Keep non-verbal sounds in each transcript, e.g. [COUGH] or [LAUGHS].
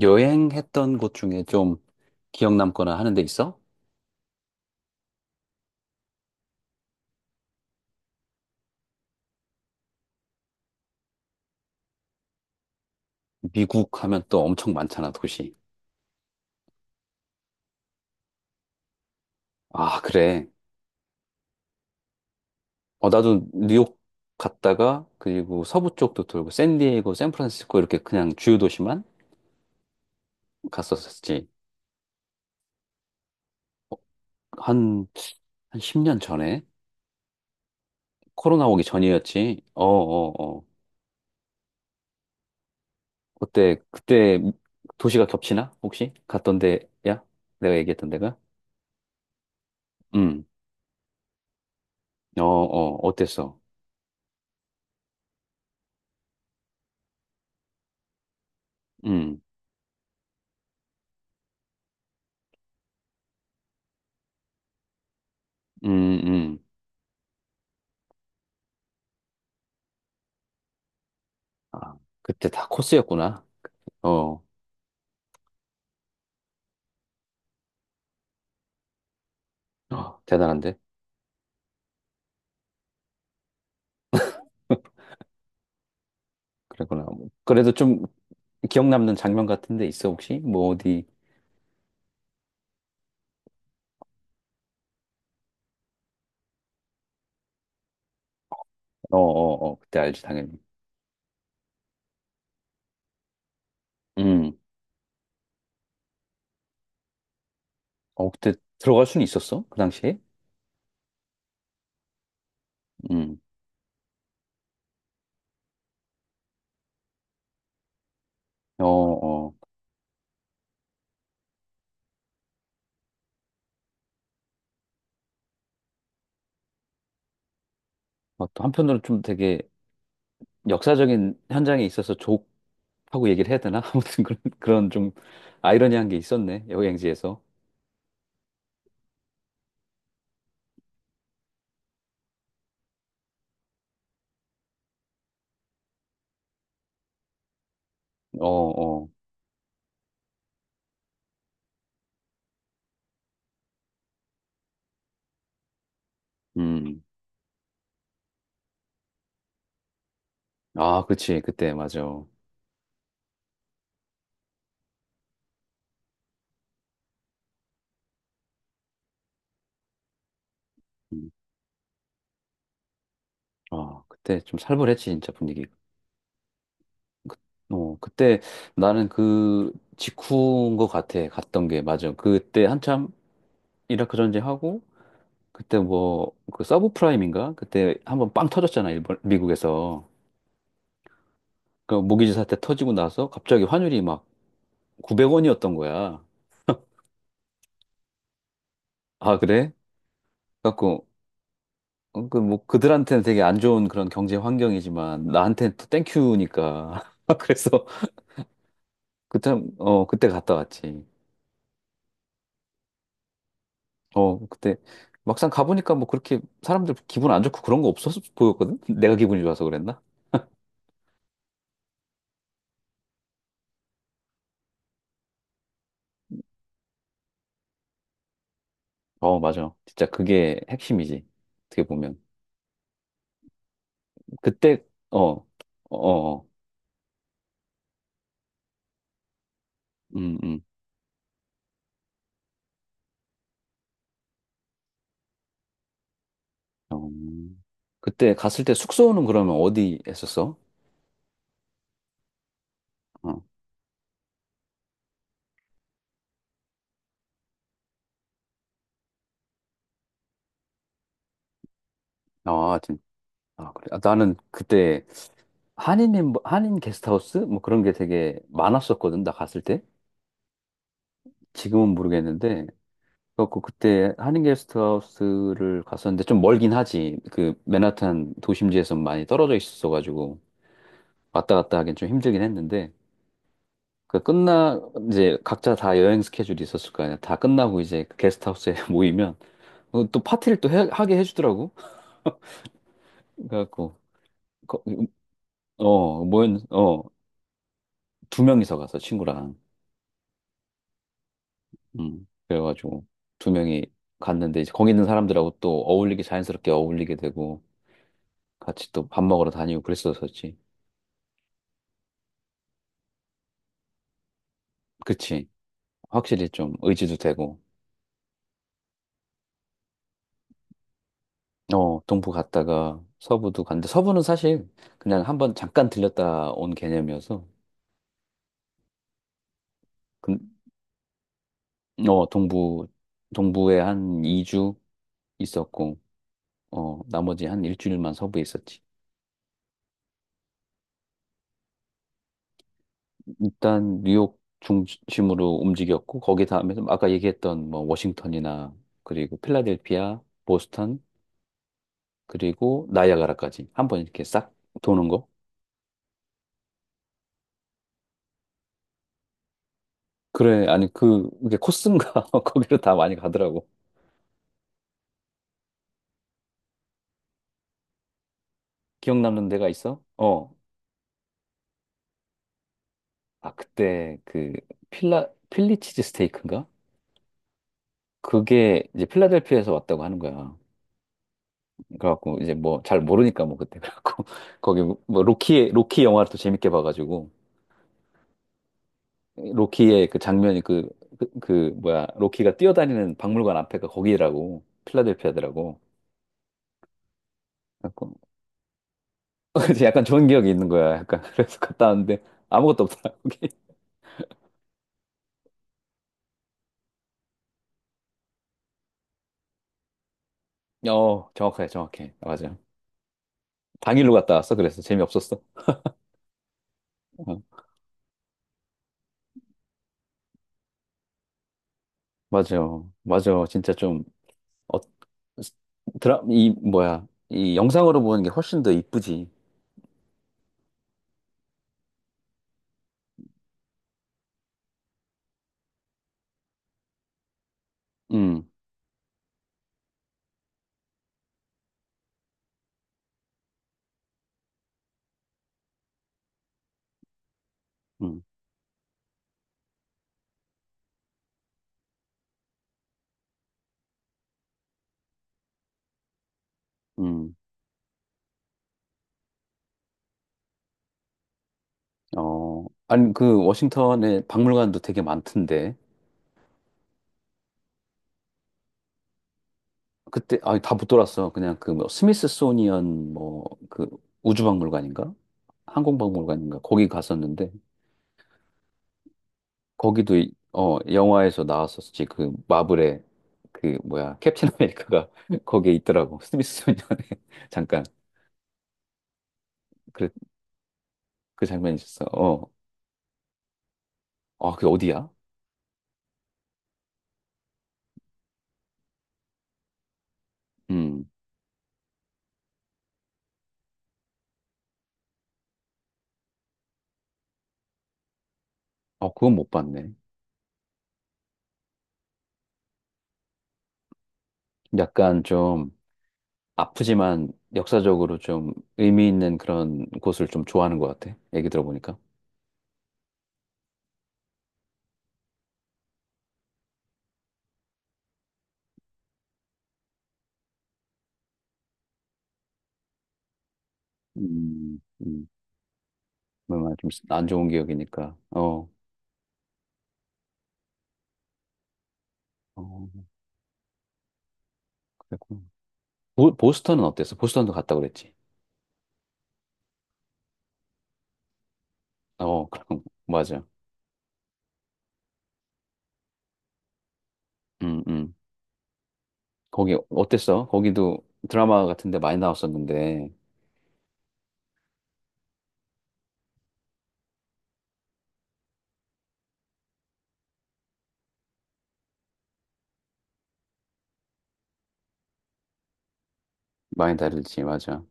여행했던 곳 중에 좀 기억 남거나 하는 데 있어? 미국 하면 또 엄청 많잖아, 도시. 아, 그래. 어, 나도 뉴욕 갔다가 그리고 서부 쪽도 돌고 샌디에이고, 샌프란시스코 이렇게 그냥 주요 도시만 갔었었지. 한, 한 10년 전에 코로나 오기 전이었지. 어, 어, 어. 그때 도시가 겹치나? 혹시 갔던 데야? 내가 얘기했던 데가? 음. 어, 어. 어땠어? 음. 음, 음. 아, 그때 다 코스였구나. 어, 어, 대단한데? [LAUGHS] 그랬구나. 뭐, 그래도 좀 기억 남는 장면 같은 데 있어, 혹시? 뭐, 어디? 어, 어, 어, 그때 알지, 당연히. 음, 어, 그때 들어갈 수는 있었어? 그 당시에? 음, 어, 어. 어, 또 한편으로는 좀 되게 역사적인 현장에 있어서 족하고 얘기를 해야 되나? [LAUGHS] 아무튼 그런 좀 아이러니한 게 있었네, 여행지에서. 어, 어, 음. 아, 그치, 그때, 맞아. 음. 아, 그때 좀 살벌했지, 진짜 분위기가. 그- 어, 그때 나는 그 직후인 것 같아. 갔던 게 맞아. 그때 한참 이라크 전쟁하고 그때 뭐 그 서브프라임인가? 그때 한번 빵 터졌잖아. 일본 미국에서. 그 모기지 사태 터지고 나서 갑자기 환율이 막 900원이었던 거야. 아, 그래? 갖고 그 뭐 그들한테는 되게 안 좋은 그런 경제 환경이지만 나한테는 또 땡큐니까. [LAUGHS] 그래서 그때 어 그때 갔다 왔지. 어, 그때 막상 가보니까 뭐 그렇게 사람들 기분 안 좋고 그런 거 없었어 보였거든? [LAUGHS] 내가 기분이 좋아서 그랬나? 어, 맞아. 진짜 그게 핵심이지. 어떻게 보면. 그때, 어, 어, 어, 어. 음, 음. 어. 그때 갔을 때 숙소는 그러면 어디 했었어? 어, 아, 진 아, 그래. 아, 나는 그때 한인 게스트하우스? 뭐 그런 게 되게 많았었거든, 나 갔을 때. 지금은 모르겠는데, 그래갖고 그때 한인 게스트하우스를 갔었는데 좀 멀긴 하지. 그 맨하탄 도심지에서 많이 떨어져 있었어가지고 왔다 갔다 하긴 좀 힘들긴 했는데 그 끝나 이제 각자 다 여행 스케줄이 있었을 거 아니야. 다 끝나고 이제 그 게스트하우스에 [LAUGHS] 모이면 어, 또 파티를 또 하게 해주더라고. 그래갖고 거- 어 모였 어두 명이서 가서 친구랑 그래가지고 두 명이 갔는데 이제 거기 있는 사람들하고 또 어울리게 자연스럽게 어울리게 되고 같이 또 밥 먹으러 다니고 그랬었었지. 그치. 확실히 좀 의지도 되고. 어, 동부 갔다가 서부도 갔는데, 서부는 사실 그냥 한번 잠깐 들렸다 온 개념이어서, 근 어, 동부에 한 2주 있었고, 어, 나머지 한 일주일만 서부에 있었지. 일단 뉴욕 중심으로 움직였고, 거기 다음에 좀 아까 얘기했던 뭐 워싱턴이나, 그리고 필라델피아, 보스턴, 그리고 나이아가라까지 한 번 이렇게 싹 도는 거. 그래, 아니, 그, 이게 코스인가? [LAUGHS] 거기로 다 많이 가더라고. 기억 남는 데가 있어? 어. 아, 그때 그 필라 필리치즈 스테이크인가? 그게 이제 필라델피아에서 왔다고 하는 거야. 그래갖고 이제 뭐 잘 모르니까 뭐 그때 그래갖고 [LAUGHS] 거기 뭐 로키 영화를 또 재밌게 봐가지고 로키의 그 장면이 그 뭐야 로키가 뛰어다니는 박물관 앞에가 거기라고 필라델피아더라고. 그래갖고 [LAUGHS] 이제 약간 좋은 기억이 있는 거야. 약간 [LAUGHS] 그래서 갔다 왔는데 아무것도 없더라. 거기. [LAUGHS] 어 정확해 맞아. 당일로 갔다 왔어. 그래서 재미없었어. 어. 맞아요. 진짜 좀, 어, 드라, 이, 뭐야. 이 영상으로 보는 게 훨씬 더 이쁘지. 음, 음, 음. 어, 아니, 그, 워싱턴에 박물관도 되게 많던데. 그때, 아, 다 못 돌았어. 그냥 그, 뭐, 스미스소니언, 뭐, 그, 우주박물관인가? 항공박물관인가? 거기 갔었는데, 거기도, 어, 영화에서 나왔었지. 그, 마블의, 그, 뭐야, 캡틴 아메리카가 [LAUGHS] 거기에 있더라고. 스미스소니언에. [LAUGHS] 잠깐. 그 장면이 있었어. 어. 아, 그게 어디야? 음. 어, 그건 못 봤네. 약간 좀 아프지만 역사적으로 좀 의미 있는 그런 곳을 좀 좋아하는 것 같아. 얘기 들어보니까. 음, 음. 뭔가 좀안 좋은 기억이니까. 어. 어, 그랬구나. 보스턴은 어땠어? 보스턴도 갔다고 그랬지. 어, 그럼, [LAUGHS] 맞아. 음, 음. 거기 어땠어? 거기도 드라마 같은데 많이 나왔었는데. 많이 다르지, 맞아.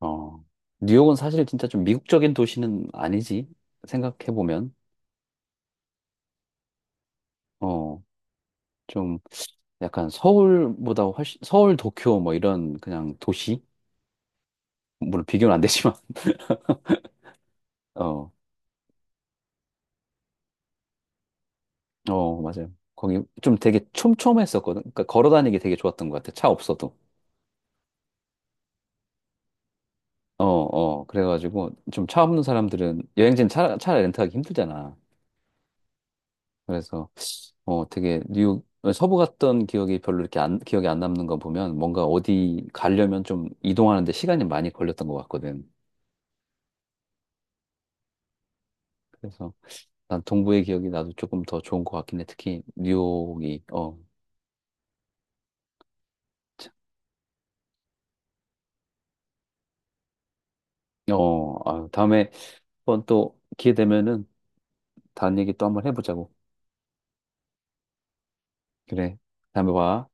어, 뉴욕은 사실 진짜 좀 미국적인 도시는 아니지. 생각해보면. 어, 좀 약간 서울보다 훨씬, 서울, 도쿄 뭐 이런 그냥 도시? 물론 비교는 안 되지만. [LAUGHS] 어, 어, 맞아요. 거기 좀 되게 촘촘했었거든. 그러니까 걸어 다니기 되게 좋았던 것 같아. 차 없어도. 어, 어. 그래가지고 좀 차 없는 사람들은 여행지는 차 렌트하기 힘들잖아. 그래서 어, 되게 뉴욕 서부 갔던 기억이 별로 이렇게 안, 기억에 안 남는 거 보면 뭔가 어디 가려면 좀 이동하는데 시간이 많이 걸렸던 것 같거든. 그래서 난 동부의 기억이 나도 조금 더 좋은 것 같긴 해. 특히 뉴욕이 어, 참. 어, 아유, 다음에 한번 또 기회 되면은 다른 얘기 또 한번 해보자고. 그래, 다음에 봐.